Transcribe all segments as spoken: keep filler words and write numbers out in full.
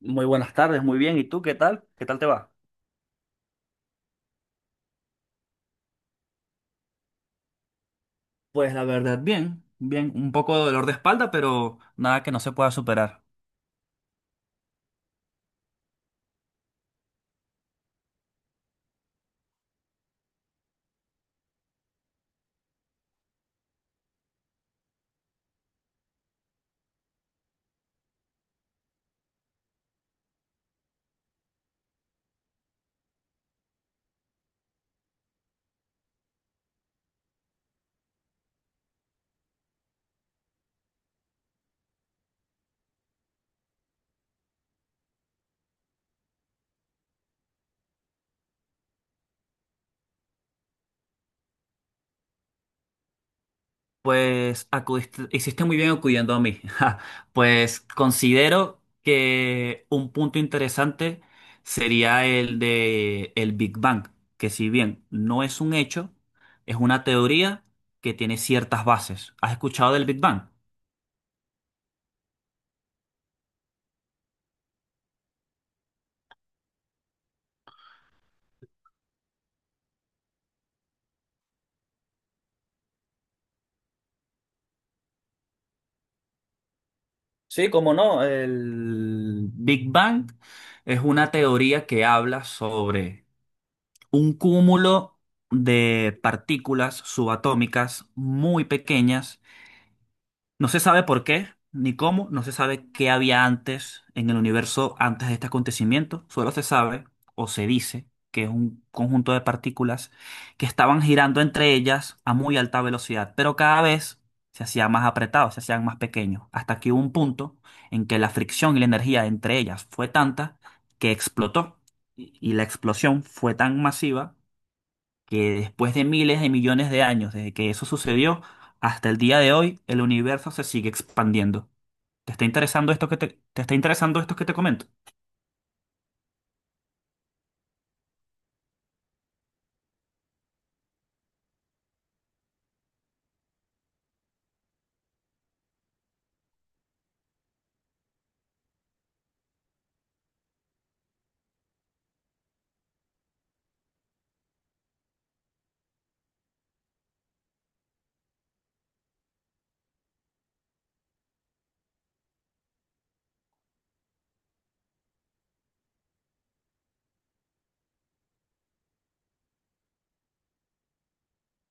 Muy buenas tardes, muy bien. ¿Y tú qué tal? ¿Qué tal te va? Pues la verdad, bien, bien, un poco de dolor de espalda, pero nada que no se pueda superar. Pues acudiste, hiciste muy bien acudiendo a mí. Ja, pues considero que un punto interesante sería el de el Big Bang, que si bien no es un hecho, es una teoría que tiene ciertas bases. ¿Has escuchado del Big Bang? Sí, cómo no. El Big Bang es una teoría que habla sobre un cúmulo de partículas subatómicas muy pequeñas. No se sabe por qué ni cómo, no se sabe qué había antes en el universo antes de este acontecimiento, solo se sabe o se dice que es un conjunto de partículas que estaban girando entre ellas a muy alta velocidad, pero cada vez se hacían más apretados, se hacían más pequeños, hasta que hubo un punto en que la fricción y la energía entre ellas fue tanta que explotó, y y la explosión fue tan masiva que después de miles de millones de años desde que eso sucedió hasta el día de hoy, el universo se sigue expandiendo. ¿Te está interesando esto que te, te está interesando esto que te comento?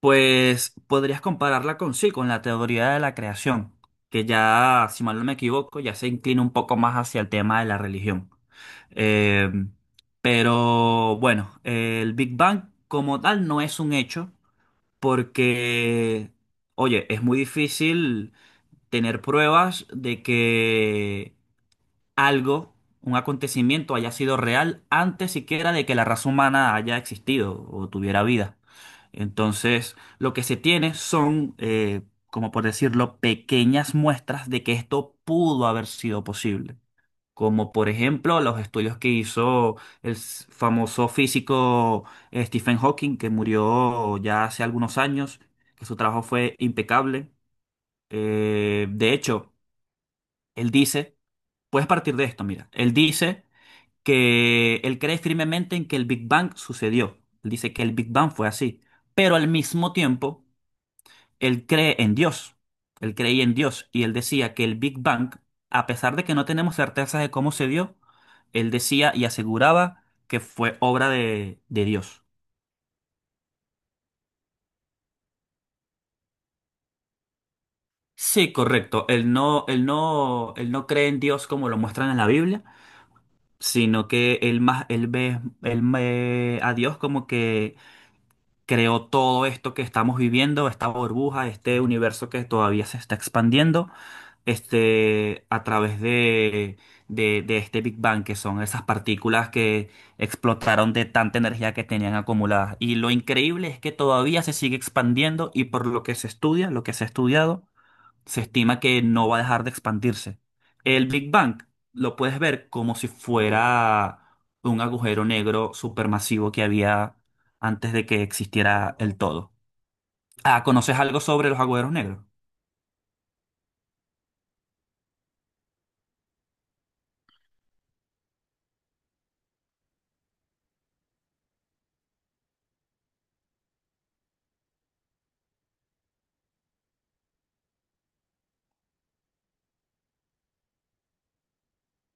Pues podrías compararla con, sí, con la teoría de la creación, que ya, si mal no me equivoco, ya se inclina un poco más hacia el tema de la religión. Eh, pero bueno, eh, el Big Bang como tal no es un hecho, porque, oye, es muy difícil tener pruebas de que algo, un acontecimiento haya sido real antes siquiera de que la raza humana haya existido o tuviera vida. Entonces, lo que se tiene son, eh, como por decirlo, pequeñas muestras de que esto pudo haber sido posible. Como por ejemplo los estudios que hizo el s- famoso físico eh, Stephen Hawking, que murió ya hace algunos años, que su trabajo fue impecable. Eh, de hecho, él dice, puedes partir de esto, mira, él dice que él cree firmemente en que el Big Bang sucedió. Él dice que el Big Bang fue así, pero al mismo tiempo, él cree en Dios. Él creía en Dios y él decía que el Big Bang, a pesar de que no tenemos certeza de cómo se dio, él decía y aseguraba que fue obra de, de Dios. Sí, correcto. Él no, él no, él no cree en Dios como lo muestran en la Biblia, sino que él más, él ve, él ve a Dios como que creó todo esto que estamos viviendo, esta burbuja, este universo que todavía se está expandiendo, este, a través de, de, de este Big Bang, que son esas partículas que explotaron de tanta energía que tenían acumulada. Y lo increíble es que todavía se sigue expandiendo y por lo que se estudia, lo que se ha estudiado, se estima que no va a dejar de expandirse. El Big Bang lo puedes ver como si fuera un agujero negro supermasivo que había antes de que existiera el todo. Ah, ¿conoces algo sobre los agujeros negros?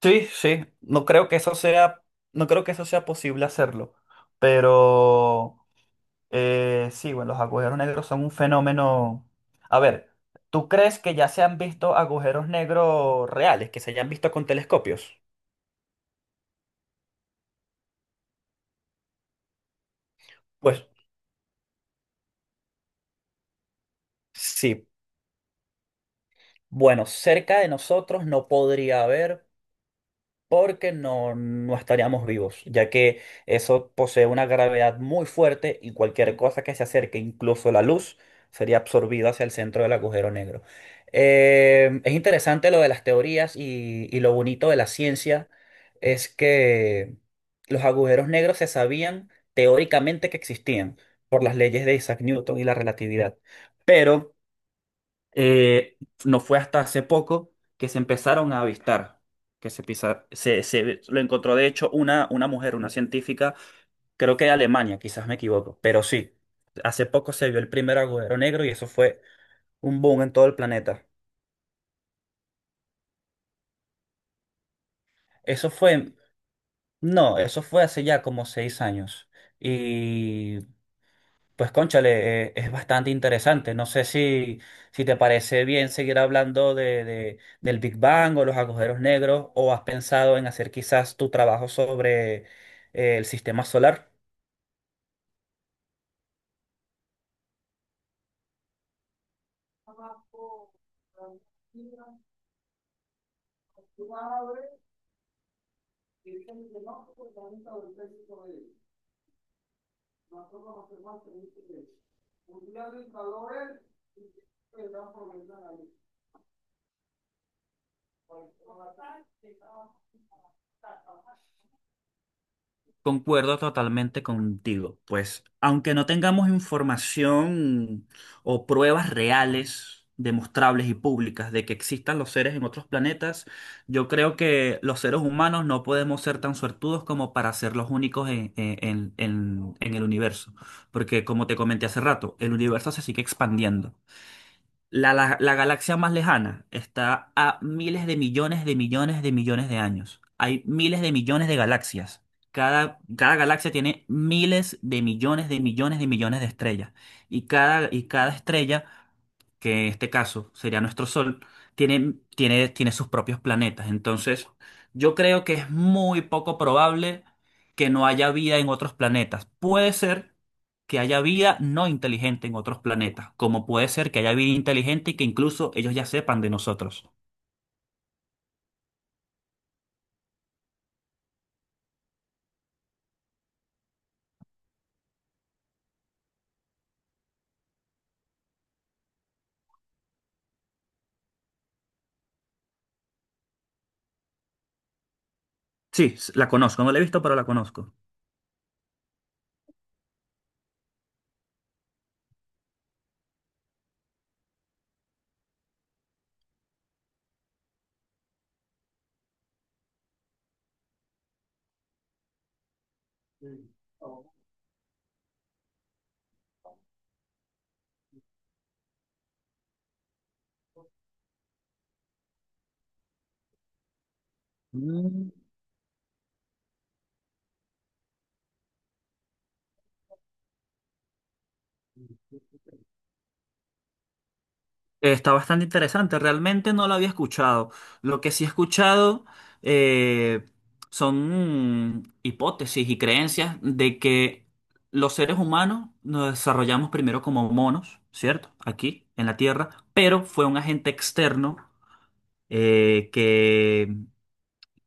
Sí, sí, no creo que eso sea, no creo que eso sea posible hacerlo, pero eh, sí, bueno, los agujeros negros son un fenómeno. A ver, ¿tú crees que ya se han visto agujeros negros reales, que se hayan visto con telescopios? Pues sí, bueno, cerca de nosotros no podría haber porque no, no estaríamos vivos, ya que eso posee una gravedad muy fuerte y cualquier cosa que se acerque, incluso la luz, sería absorbida hacia el centro del agujero negro. Eh, es interesante lo de las teorías y, y lo bonito de la ciencia es que los agujeros negros se sabían teóricamente que existían por las leyes de Isaac Newton y la relatividad, pero... Eh, no fue hasta hace poco que se empezaron a avistar, que se, pisa- se, se- lo encontró de hecho una, una mujer, una científica, creo que de Alemania, quizás me equivoco, pero sí, hace poco se vio el primer agujero negro y eso fue un boom en todo el planeta. Eso fue, no, eso fue hace ya como seis años. Y pues cónchale, eh, es bastante interesante. No sé si, si, te parece bien seguir hablando de, de- del Big Bang o los agujeros negros, o has pensado en hacer quizás tu trabajo sobre eh, el sistema solar. Concuerdo totalmente contigo. Pues, aunque no tengamos información o pruebas reales, demostrables y públicas de que existan los seres en otros planetas, yo creo que los seres humanos no podemos ser tan suertudos como para ser los únicos en, en en- en- en el universo. Porque, como te comenté hace rato, el universo se sigue expandiendo. La, la- la galaxia más lejana está a miles de millones de millones de millones de años. Hay miles de millones de galaxias. Cada, cada galaxia tiene miles de millones de millones de millones de estrellas. Y cada, y cada estrella, que en este caso sería nuestro Sol, tiene, tiene, tiene sus propios planetas. Entonces, yo creo que es muy poco probable que no haya vida en otros planetas. Puede ser que haya vida no inteligente en otros planetas, como puede ser que haya vida inteligente y que incluso ellos ya sepan de nosotros. Sí, s- la conozco, no la he visto, pero la conozco. Mm. Está bastante interesante, realmente no la había escuchado. Lo que sí he escuchado eh, son mm, hipótesis y creencias de que los seres humanos nos desarrollamos primero como monos, ¿cierto? Aquí en la Tierra, pero fue un agente externo eh, que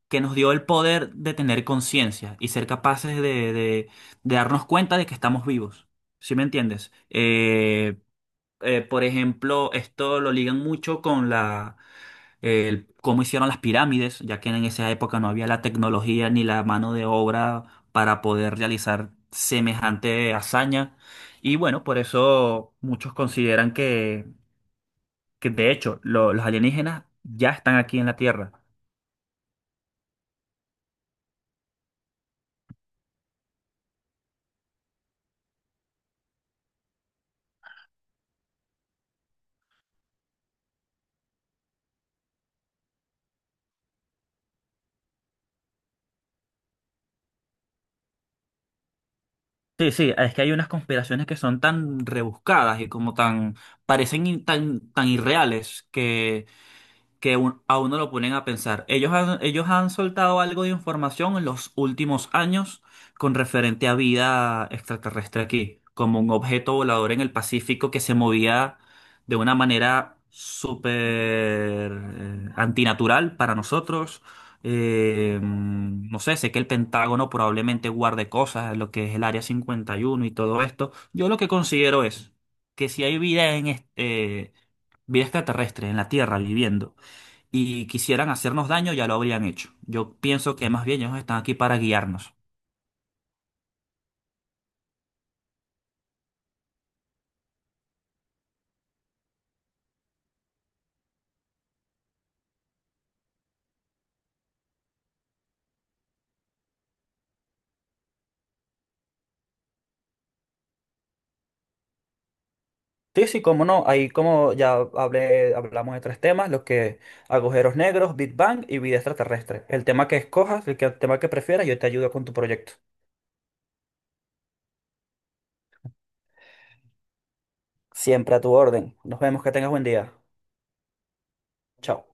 que nos dio el poder de tener conciencia y ser capaces de, de- de darnos cuenta de que estamos vivos. ¿Sí me entiendes? Eh, eh, por ejemplo, esto lo ligan mucho con la, el- cómo hicieron las pirámides, ya que en esa época no había la tecnología ni la mano de obra para poder realizar semejante hazaña. Y bueno, por eso muchos consideran que, que de hecho, lo- los alienígenas ya están aquí en la Tierra. Sí, sí, es que hay unas conspiraciones que son tan rebuscadas y como tan, parecen in- tan, tan irreales que que un- a uno lo ponen a pensar. Ellos han, ellos han soltado algo de información en los últimos años con referente a vida extraterrestre aquí, como un objeto volador en el Pacífico que se movía de una manera súper eh, antinatural para nosotros. Eh, mm, no sé, sé que el Pentágono probablemente guarde cosas, lo que es el Área cincuenta y uno y uno y todo esto. Yo lo que considero es que si hay vida en este, eh, vida extraterrestre en la Tierra viviendo y quisieran hacernos daño, ya lo habrían hecho. Yo pienso que más bien ellos están aquí para guiarnos. Sí, sí, cómo no. Ahí como ya hablé, hablamos de tres temas, los que agujeros negros, Big Bang y vida extraterrestre. El tema que escojas, el, que- el tema que prefieras, yo te ayudo con tu proyecto. Siempre a tu orden. Nos vemos, que tengas buen día. Chao.